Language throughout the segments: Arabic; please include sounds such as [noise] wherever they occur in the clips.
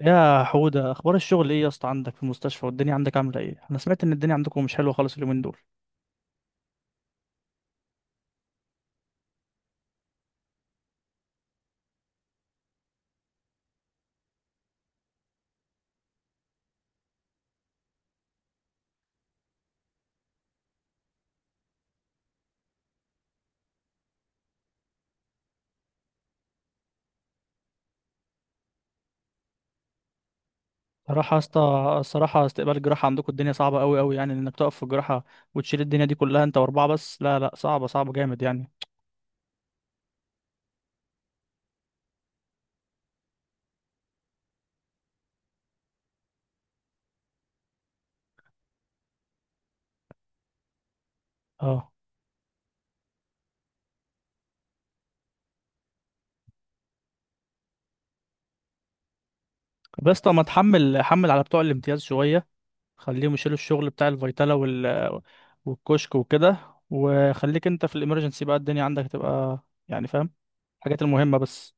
يا حودة، اخبار الشغل ايه يا اسطى؟ عندك في المستشفى والدنيا عندك عامله ايه؟ انا سمعت ان الدنيا عندكم مش حلوه خالص اليومين دول. صراحه يا اسطى، الصراحه استقبال الجراحه عندكم الدنيا صعبه قوي قوي، يعني انك تقف في الجراحه وتشيل الدنيا دي كلها انت واربعه بس، لا لا صعبه صعبه جامد يعني. اه. طب يا اسطى، ما تحمل حمل على بتوع الامتياز شويه، خليهم يشيلوا الشغل بتاع الفيتالا والكشك وكده، وخليك انت في الامرجنسي بقى، الدنيا عندك تبقى يعني فاهم، الحاجات المهمه بس.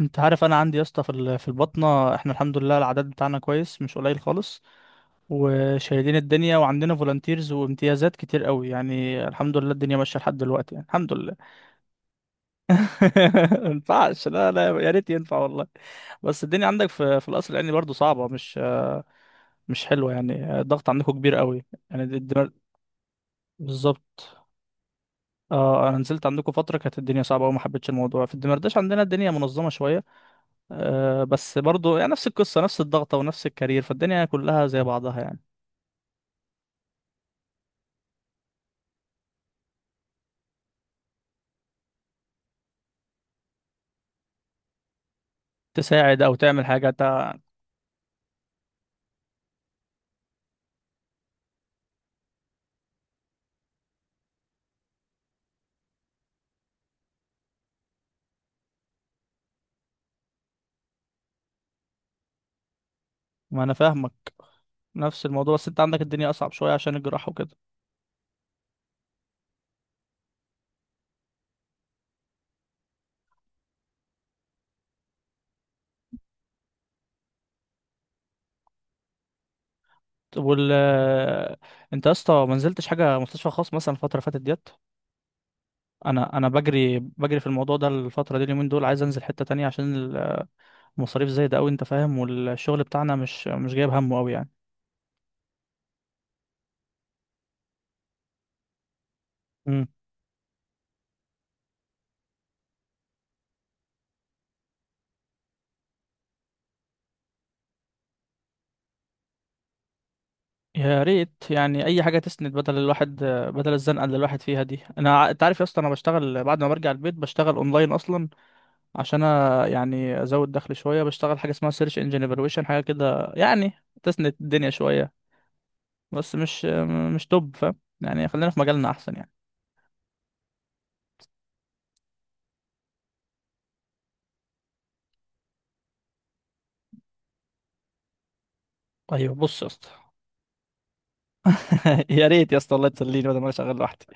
انت عارف انا عندي يا اسطى في البطنه، احنا الحمد لله العدد بتاعنا كويس مش قليل خالص، وشايلين الدنيا وعندنا فولunteers وامتيازات كتير قوي، يعني الحمد لله الدنيا ماشيه لحد دلوقتي يعني الحمد لله. [laughs] ما ينفعش، لا لا، يا ريت ينفع والله. بس الدنيا عندك في القصر العيني برضه صعبه، مش حلوه يعني، الضغط عندكم كبير قوي يعني، الدمر. بالظبط. اه انا نزلت عندكم فتره كانت الدنيا صعبه وما حبيتش الموضوع، في الدمرداش عندنا الدنيا منظمه شويه، بس برضو يعني نفس القصة، نفس الضغطة ونفس الكارير، فالدنيا كلها زي بعضها يعني. تساعد أو تعمل حاجة ما أنا فاهمك، نفس الموضوع بس أنت عندك الدنيا أصعب شوية عشان الجراحة وكده. طب وال آه، أنت يا اسطى ما نزلتش حاجة مستشفى خاص مثلا الفترة اللي فاتت ديت؟ أنا بجري بجري في الموضوع ده الفترة دي اليومين دول، عايز أنزل حتة تانية عشان المصاريف زايدة أوي أنت فاهم، والشغل بتاعنا مش جايب همه أوي يعني، يا ريت يعني اي حاجه تسند بدل الواحد، بدل الزنقه اللي الواحد فيها دي. انا انت عارف يا اسطى، انا بشتغل بعد ما برجع البيت بشتغل اونلاين اصلا عشان يعني ازود دخل شويه، بشتغل حاجه اسمها سيرش انجن ايفالويشن، حاجه كده يعني تسند الدنيا شويه، بس مش توب فاهم يعني، خلينا في مجالنا احسن يعني. ايوه بص يا اسطى. [laughs] يا ريت يا اسطى الله تسليني بدل ما أنا شغال لوحدي.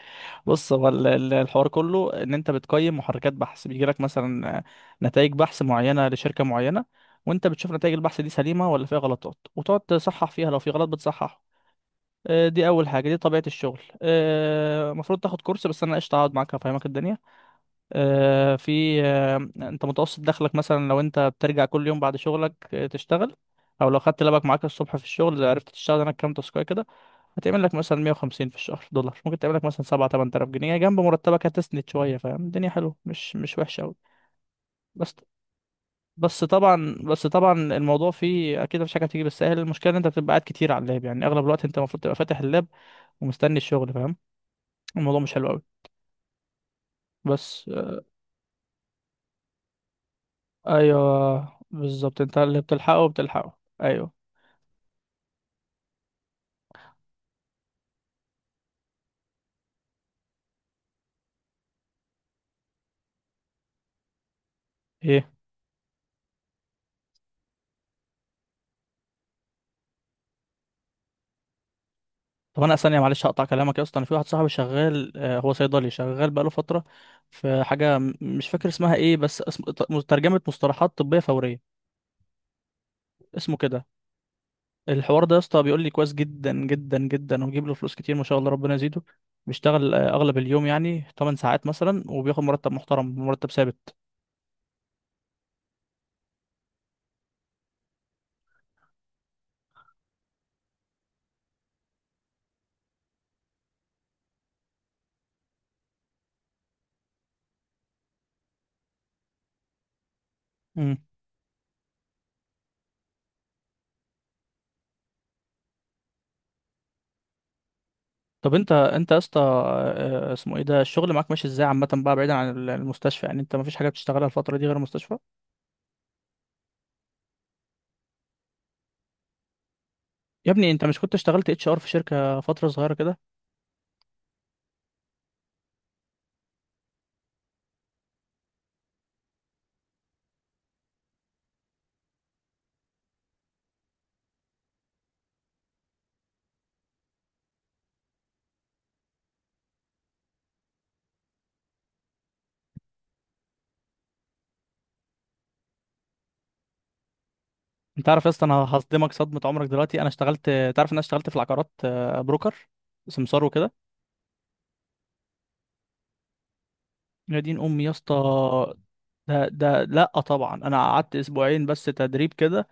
بص، هو الحوار كله ان انت بتقيم محركات بحث، بيجي لك مثلا نتائج بحث معينه لشركه معينه، وانت بتشوف نتائج البحث دي سليمه ولا فيها غلطات، وتقعد تصحح فيها لو في غلط بتصححه. دي اول حاجه، دي طبيعه الشغل. المفروض تاخد كورس بس انا قشطه اقعد معاك افهمك الدنيا. في انت متوسط دخلك مثلا لو انت بترجع كل يوم بعد شغلك تشتغل، او لو خدت لابك معاك الصبح في الشغل عرفت تشتغل هناك كام تاسكايه كده، هتعمل لك مثلا 150 في الشهر دولار، ممكن تعمل لك مثلا 7 8000 جنيه جنب مرتبك، هتسند شويه فاهم، الدنيا حلوه مش وحشه قوي. بس بس طبعا الموضوع فيه اكيد، مفيش حاجه بتيجي بالسهل، المشكله ان انت بتبقى قاعد كتير على اللاب، يعني اغلب الوقت انت المفروض تبقى فاتح اللاب ومستني الشغل فاهم، الموضوع مش حلو قوي بس. ايوه بالظبط، انت اللي بتلحقه بتلحقه ايوه. ايه؟ طب انا ثانيه معلش هقطع كلامك يا اسطى، انا في واحد صاحبي شغال، هو صيدلي شغال بقاله فتره، في حاجه مش فاكر اسمها ايه، بس اسم ترجمه مصطلحات طبيه فوريه اسمه كده. الحوار ده يا اسطى بيقول لي كويس جدا جدا جدا، وبيجيب له فلوس كتير ما شاء الله ربنا يزيده، بيشتغل اغلب اليوم يعني 8 ساعات مثلا، وبياخد مرتب محترم، مرتب ثابت. امم طب انت يا اسطى، اسمه ايه ده الشغل معاك؟ ماشي ازاي عامه بقى بعيدا عن المستشفى؟ يعني انت مفيش حاجه بتشتغلها الفتره دي غير المستشفى؟ يا ابني انت مش كنت اشتغلت اتش ار في شركه فتره صغيره كده؟ انت عارف يا اسطى انا هصدمك صدمه عمرك دلوقتي، انا اشتغلت، تعرف ان انا اشتغلت في العقارات، بروكر، سمسار وكده. يا دين امي يا اسطى. ده لا طبعا انا قعدت اسبوعين بس تدريب كده،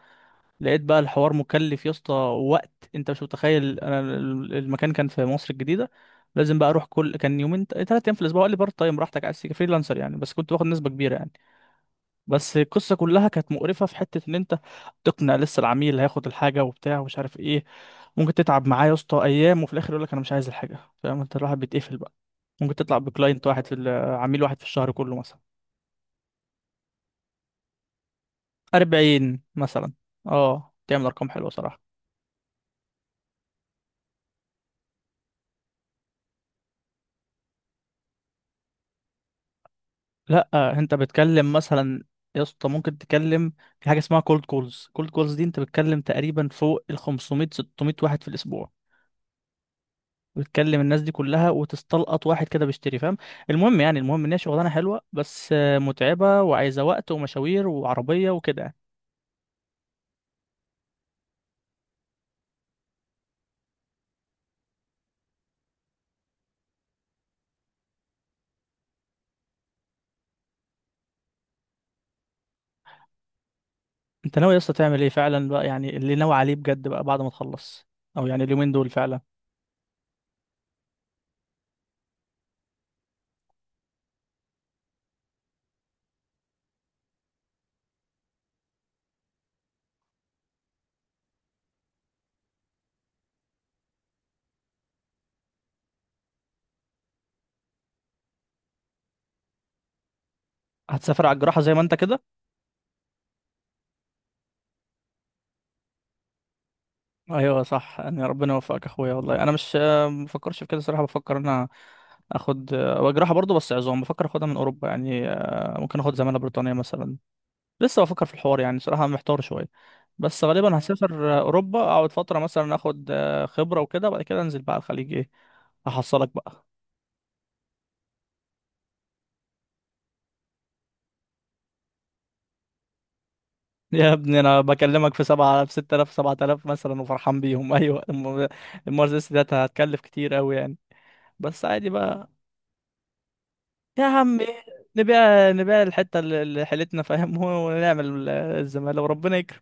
لقيت بقى الحوار مكلف يا اسطى، وقت انت مش متخيل، انا المكان كان في مصر الجديده، لازم بقى اروح كل كان يومين 3 ايام في الاسبوع، قال لي بارت تايم براحتك عايز تيجي فريلانسر يعني، بس كنت باخد نسبه كبيره يعني. بس القصة كلها كانت مقرفة في حتة إن أنت تقنع لسه العميل اللي هياخد الحاجة وبتاع ومش عارف إيه، ممكن تتعب معاه يا اسطى أيام وفي الآخر يقولك أنا مش عايز الحاجة، فاهم أنت الواحد بيتقفل بقى. ممكن تطلع بكلاينت واحد عميل واحد في الشهر كله مثلا، 40 مثلا. أه تعمل أرقام حلوة صراحة. لأ أنت بتكلم مثلا، يا اسطى ممكن تكلم في حاجة اسمها كولد كولز، كولد كولز دي أنت بتكلم تقريبا فوق ال 500 600 واحد في الأسبوع، وتكلم الناس دي كلها وتستلقط واحد كده بيشتري فاهم. المهم يعني، المهم ان هي شغلانه حلوه بس متعبه وعايزه وقت ومشاوير وعربيه وكده يعني. انت ناوي يا اسطى تعمل ايه فعلا بقى؟ يعني اللي ناوي عليه بجد بقى بعد ما تخلص؟ او يعني اليومين دول فعلا؟ هتسافر على الجراحه زي ما انت كده؟ ايوه صح، يعني ربنا يوفقك يا اخويا، والله انا مش مفكرش في كده صراحه، بفكر ان انا اخد، هو جراحه برضه بس عظام، بفكر اخدها من اوروبا يعني، ممكن اخد زماله بريطانيه مثلا، لسه بفكر في الحوار يعني صراحه محتار شويه، بس غالبا هسافر اوروبا اقعد فتره مثلا اخد خبره وكده، وبعد كده انزل بقى على الخليج، ايه احصلك بقى. [laughs] يا ابني انا بكلمك في سبعة في 6,000 7,000 مثلا وفرحان بيهم. [laughs] ايوه المرسيدس ديت هتكلف كتير قوي يعني بس عادي بقى. يا عم، نبيع نبيع الحتة اللي حيلتنا فاهم. [laughs] ونعمل الزمالة وربنا يكرم.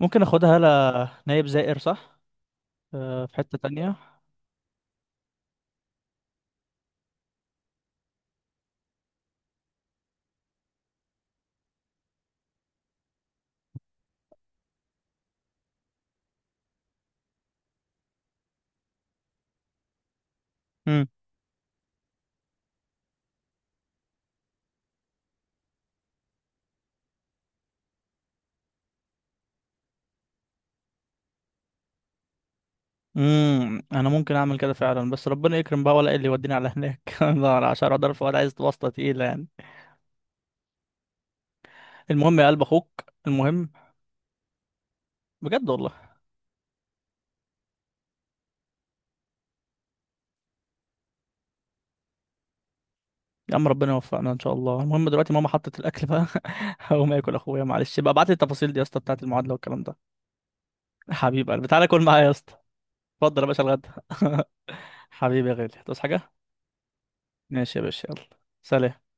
ممكن اخدها لا نايب زائر صح، في حتة تانية. انا ممكن اعمل كده فعلا بس ربنا يكرم بقى، ولا إيه اللي يوديني على هناك؟ [laughs] الله عشان اقدر، ولا عايز واسطه تقيله يعني. المهم يا قلب اخوك. المهم، بجد والله. يا عم ربنا يوفقنا ان شاء الله. المهم دلوقتي ماما حطت الاكل بقى. [laughs] هقوم اكل اخويا، معلش بقى ابعت لي التفاصيل دي يا اسطى بتاعت المعادله والكلام ده. حبيب قلبي تعالى كل معايا يا اسطى. اتفضل يا باشا الغدا. [laughs] حبيبي يا غالي تصحى حاجه. ماشي يا باشا يلا. سلام.